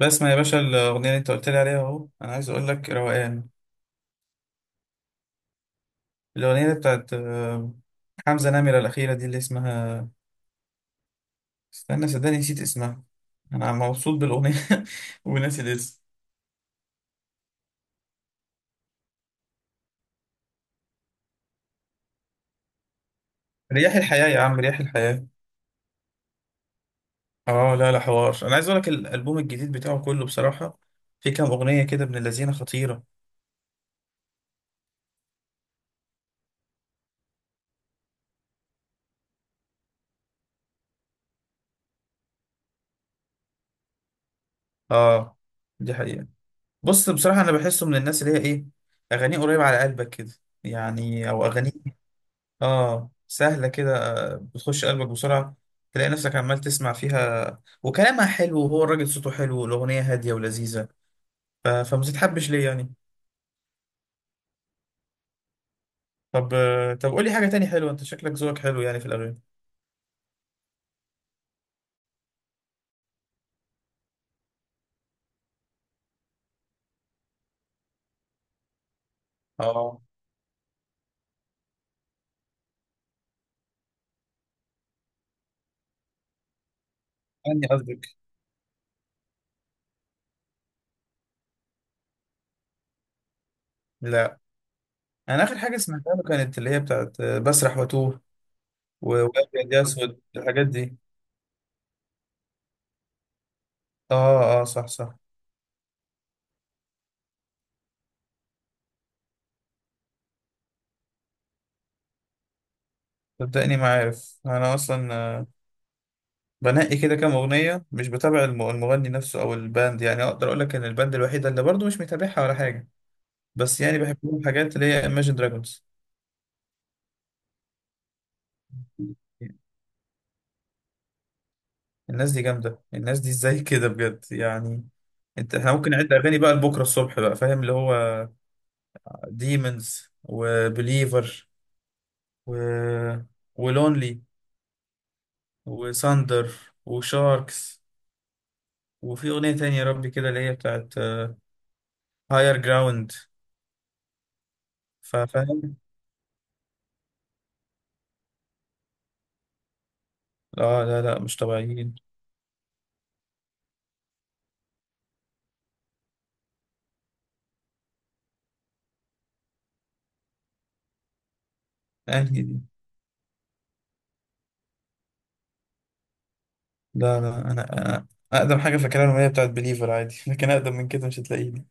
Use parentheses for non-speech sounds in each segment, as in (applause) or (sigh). بسمع يا باشا الأغنية اللي أنت قلت لي عليها أهو. أنا عايز أقول لك روقان الأغنية اللي بتاعت حمزة نمرة الأخيرة دي اللي اسمها. استنى، صدقني نسيت اسمها. أنا مبسوط بالأغنية (laughs) وناسي الاسم. رياح الحياة يا عم، رياح الحياة. أه لا لا، حوار. أنا عايز أقول لك الألبوم الجديد بتاعه كله بصراحة، في كام أغنية كده ابن اللذينة خطيرة. أه دي حقيقة. بص بصراحة، أنا بحسه من الناس اللي هي إيه، أغانيه قريبة على قلبك كده. يعني أو أغانيه اه سهلة كده، بتخش قلبك بسرعة. تلاقي نفسك عمال تسمع فيها، وكلامها حلو، وهو الراجل صوته حلو، والأغنية هادية ولذيذة. فما تتحبش ليه يعني. طب طب قولي حاجة تاني حلوة. أنت شكلك ذوقك حلو يعني في الأغاني. اه أني قصدك. لا، أنا آخر حاجة سمعتها له كانت اللي هي بتاعت بسرح وأتوه. وأبيض يا أسود الحاجات دي. اه اه صح صح. صدقني ما عارف أنا أصلا، بنقي كده كام أغنية، مش بتابع المغني نفسه أو الباند. يعني أقدر أقول لك إن الباند الوحيدة اللي برضه مش متابعها ولا حاجة، بس يعني بحب لهم حاجات، اللي هي Imagine Dragons. الناس دي جامدة، الناس دي إزاي (laughs) كده بجد يعني. أنت إحنا ممكن نعد أغاني بقى لبكرة الصبح بقى، فاهم اللي هو Demons، وبليفر، و ولونلي، وساندر، وشاركس، وفي أغنية تانية يا ربي كده اللي هي بتاعت هاير جراوند، فاهم. لا لا لا، مش طبيعيين. انهي دي. لا لا، أنا اقدم حاجه فاكرها ان هي بتاعت بليفر عادي (laughs) لكن اقدم من كده مش هتلاقيني.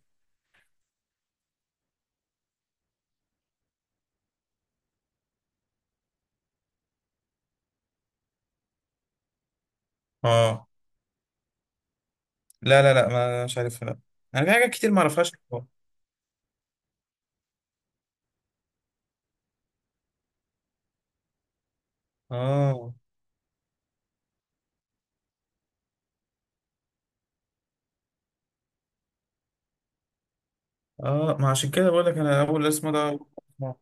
اه لا لا لا، ما مش عارفها، لا. انا في حاجات كتير ما اعرفهاش. اه اه، ما عشان كده بقول لك، انا اول اسم ده أول مرة.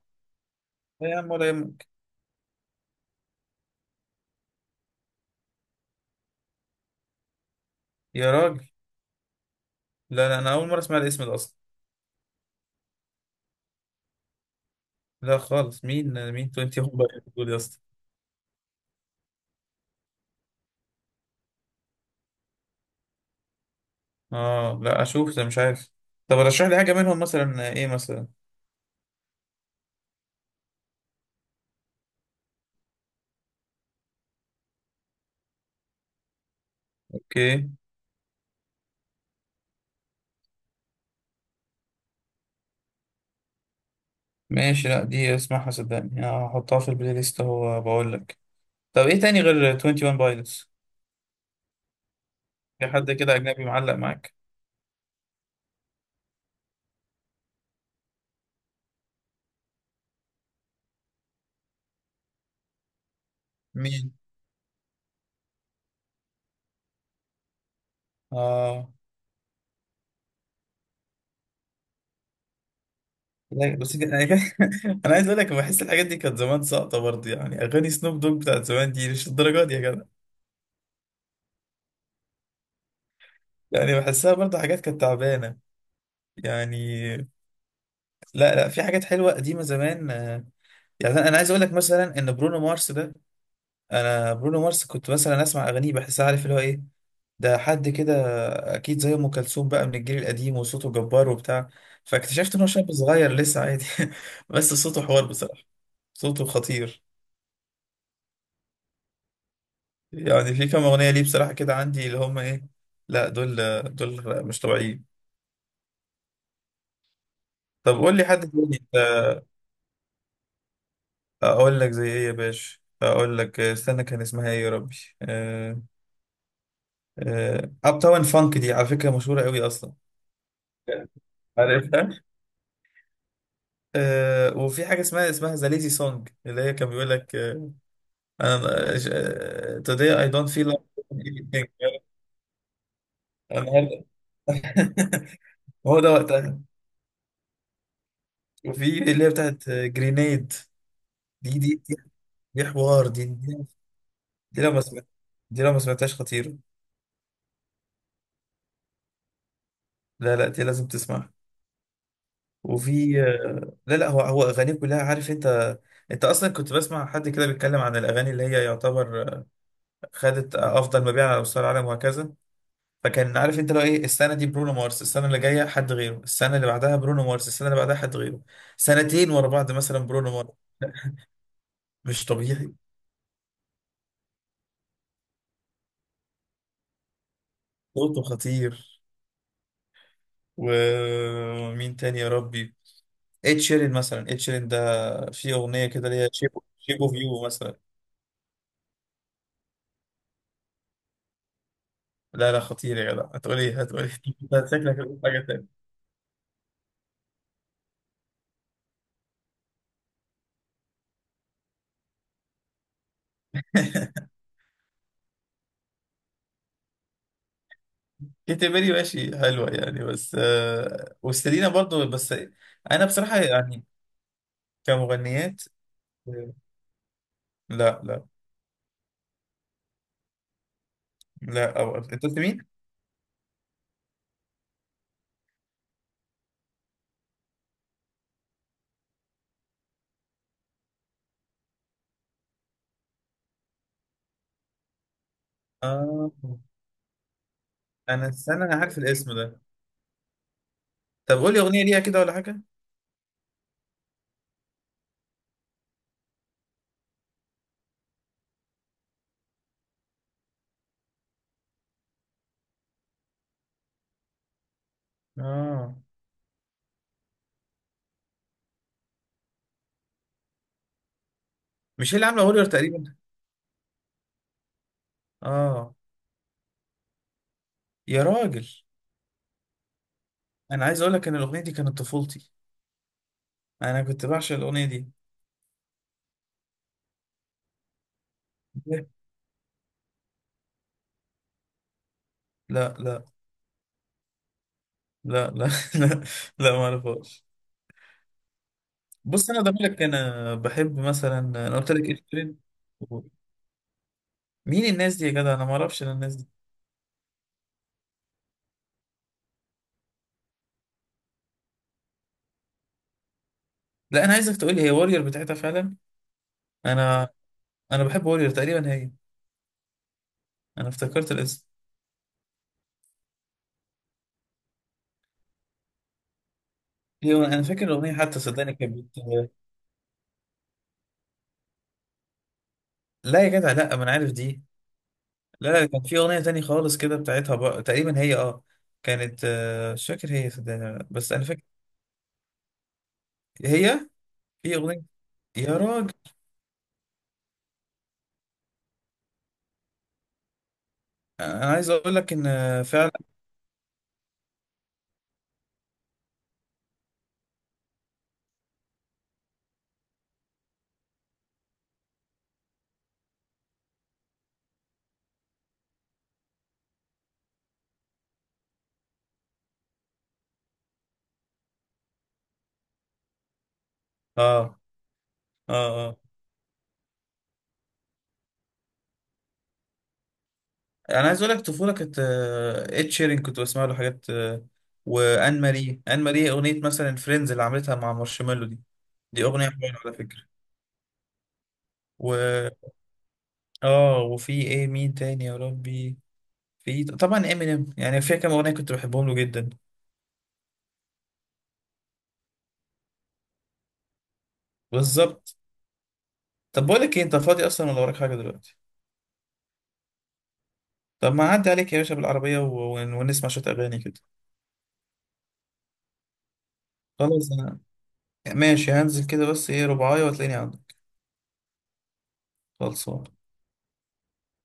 لا يا عم ولا يهمك. يا راجل لا لا، انا اول مره اسمع الاسم ده اصلا. لا خالص، مين 20 هم بقى. دول يا اسطى. اه لا اشوف ده مش عارف. طب رشح لي حاجه منهم، مثلا ايه مثلا. اوكي. ماشي، لا دي اسمعها، صدقني هحطها في البلاي ليست، هو بقول لك. طب ايه تاني غير 21 بايلوتس. في حد كده أجنبي معلق معاك. مين. آه لا أنا (laughs) أنا عايز أقول لك بحس الحاجات دي كانت زمان ساقطة برضه. يعني أغاني سنوب دوج بتاعت زمان دي مش الدرجات دي يا جدع. يعني بحسها برضه حاجات كانت تعبانة يعني. لا لا، في حاجات حلوة قديمة زمان. يعني أنا عايز أقول لك مثلا إن برونو مارس ده، أنا برونو مارس كنت مثلا أسمع أغانيه بحسها، عارف اللي هو إيه، ده حد كده اكيد زي ام كلثوم بقى من الجيل القديم وصوته جبار وبتاع، فاكتشفت ان هو شاب صغير لسه عادي (laughs) بس صوته حوار بصراحه، صوته خطير. يعني في كام اغنيه ليه بصراحه كده عندي اللي هم ايه. لا دول، دول مش طبيعيين. طب قول لي حد تاني انت. اقول لك زي ايه يا باشا، اقول لك، استنى كان اسمها ايه يا ربي. اب تاون فانك دي على فكره مشهوره قوي اصلا. عارفها. آه وفي حاجه اسمها ذا ليزي سونج، اللي هي كان بيقول لك انا today I don't feel like doing anything. أنا النهارده (laughs) هو ده وقتها. وفي اللي هي بتاعت جرينيد. دي دي دي, دي حوار دي. دي لو ما سمعت، دي لو ما سمعتهاش خطيرة. لا لا، دي لازم تسمعها. وفي لا لا، هو اغانيه كلها، عارف انت. انت اصلا كنت بسمع حد كده بيتكلم عن الاغاني اللي هي يعتبر خدت افضل مبيع على مستوى العالم وهكذا. فكان عارف انت لو ايه، السنه دي برونو مارس، السنه اللي جايه حد غيره، السنه اللي بعدها برونو مارس، السنه اللي بعدها حد غيره، سنتين ورا بعض مثلا برونو مارس. مش طبيعي. صوته خطير. ومين تاني يا ربي. ed شيرين مثلا، ed شيرين ده في اغنيه كده اللي هي شيب، شيب اوف يو مثلا. لا لا، خطير يا جدع. هتقول ايه، هتقول ايه (laughs) أنت شكلك هتقول حاجه تانيه. (laughs) كيتي بيري ماشي حلوه يعني، بس وستيلينا برضو، بس انا بصراحه يعني كمغنيات. آه، لا لا لا. انت قلت مين؟ اه، انا استنى، انا عارف الاسم ده. طب قول لي اغنيه ليها كده ولا حاجه. اه مش هي اللي عامله هولير تقريبا. اه. يا راجل، انا عايز اقول لك ان الاغنيه دي كانت طفولتي، انا كنت بعشق الاغنيه دي. إيه؟ لا لا لا لا (laughs) لا لا، ما اعرفهاش. بص انا ضميرك، انا بحب مثلا، انا قلت لك إيه، مين الناس دي يا جدع، انا ما اعرفش انا الناس دي. لا، انا عايزك تقول لي هي واريور بتاعتها فعلا. انا انا بحب واريور تقريبا هي، انا افتكرت الاسم. هي انا فاكر الاغنيه حتى صدقني كانت. لا يا جدع لا، ما انا عارف دي. لا لا، كان في اغنيه تانية خالص كده بتاعتها بقى تقريبا هي اه، كانت مش فاكر هي صدقني ولا لأ. بس انا فاكر هي في اغنيه. يا راجل، انا عايز اقول لك ان فعلا. اه اه اه، انا عايز اقول لك طفوله كانت اد شيرين كنت بسمع له حاجات، وان ماري، ان ماري اغنيه مثلا فريندز اللي عملتها مع مارشميلو دي، دي اغنيه حلوه على فكره. و اه وفي ايه، مين تاني يا ربي. في طبعا امينيم، يعني فيها كام اغنيه كنت بحبهم له جدا. بالظبط. طب بقول لك ايه، انت فاضي اصلا ولا وراك حاجه دلوقتي. طب ما اعدي عليك يا باشا بالعربيه ونسمع شويه اغاني كده. خلاص انا ماشي، هنزل كده بس ايه رباعية وتلاقيني عندك. خلصان.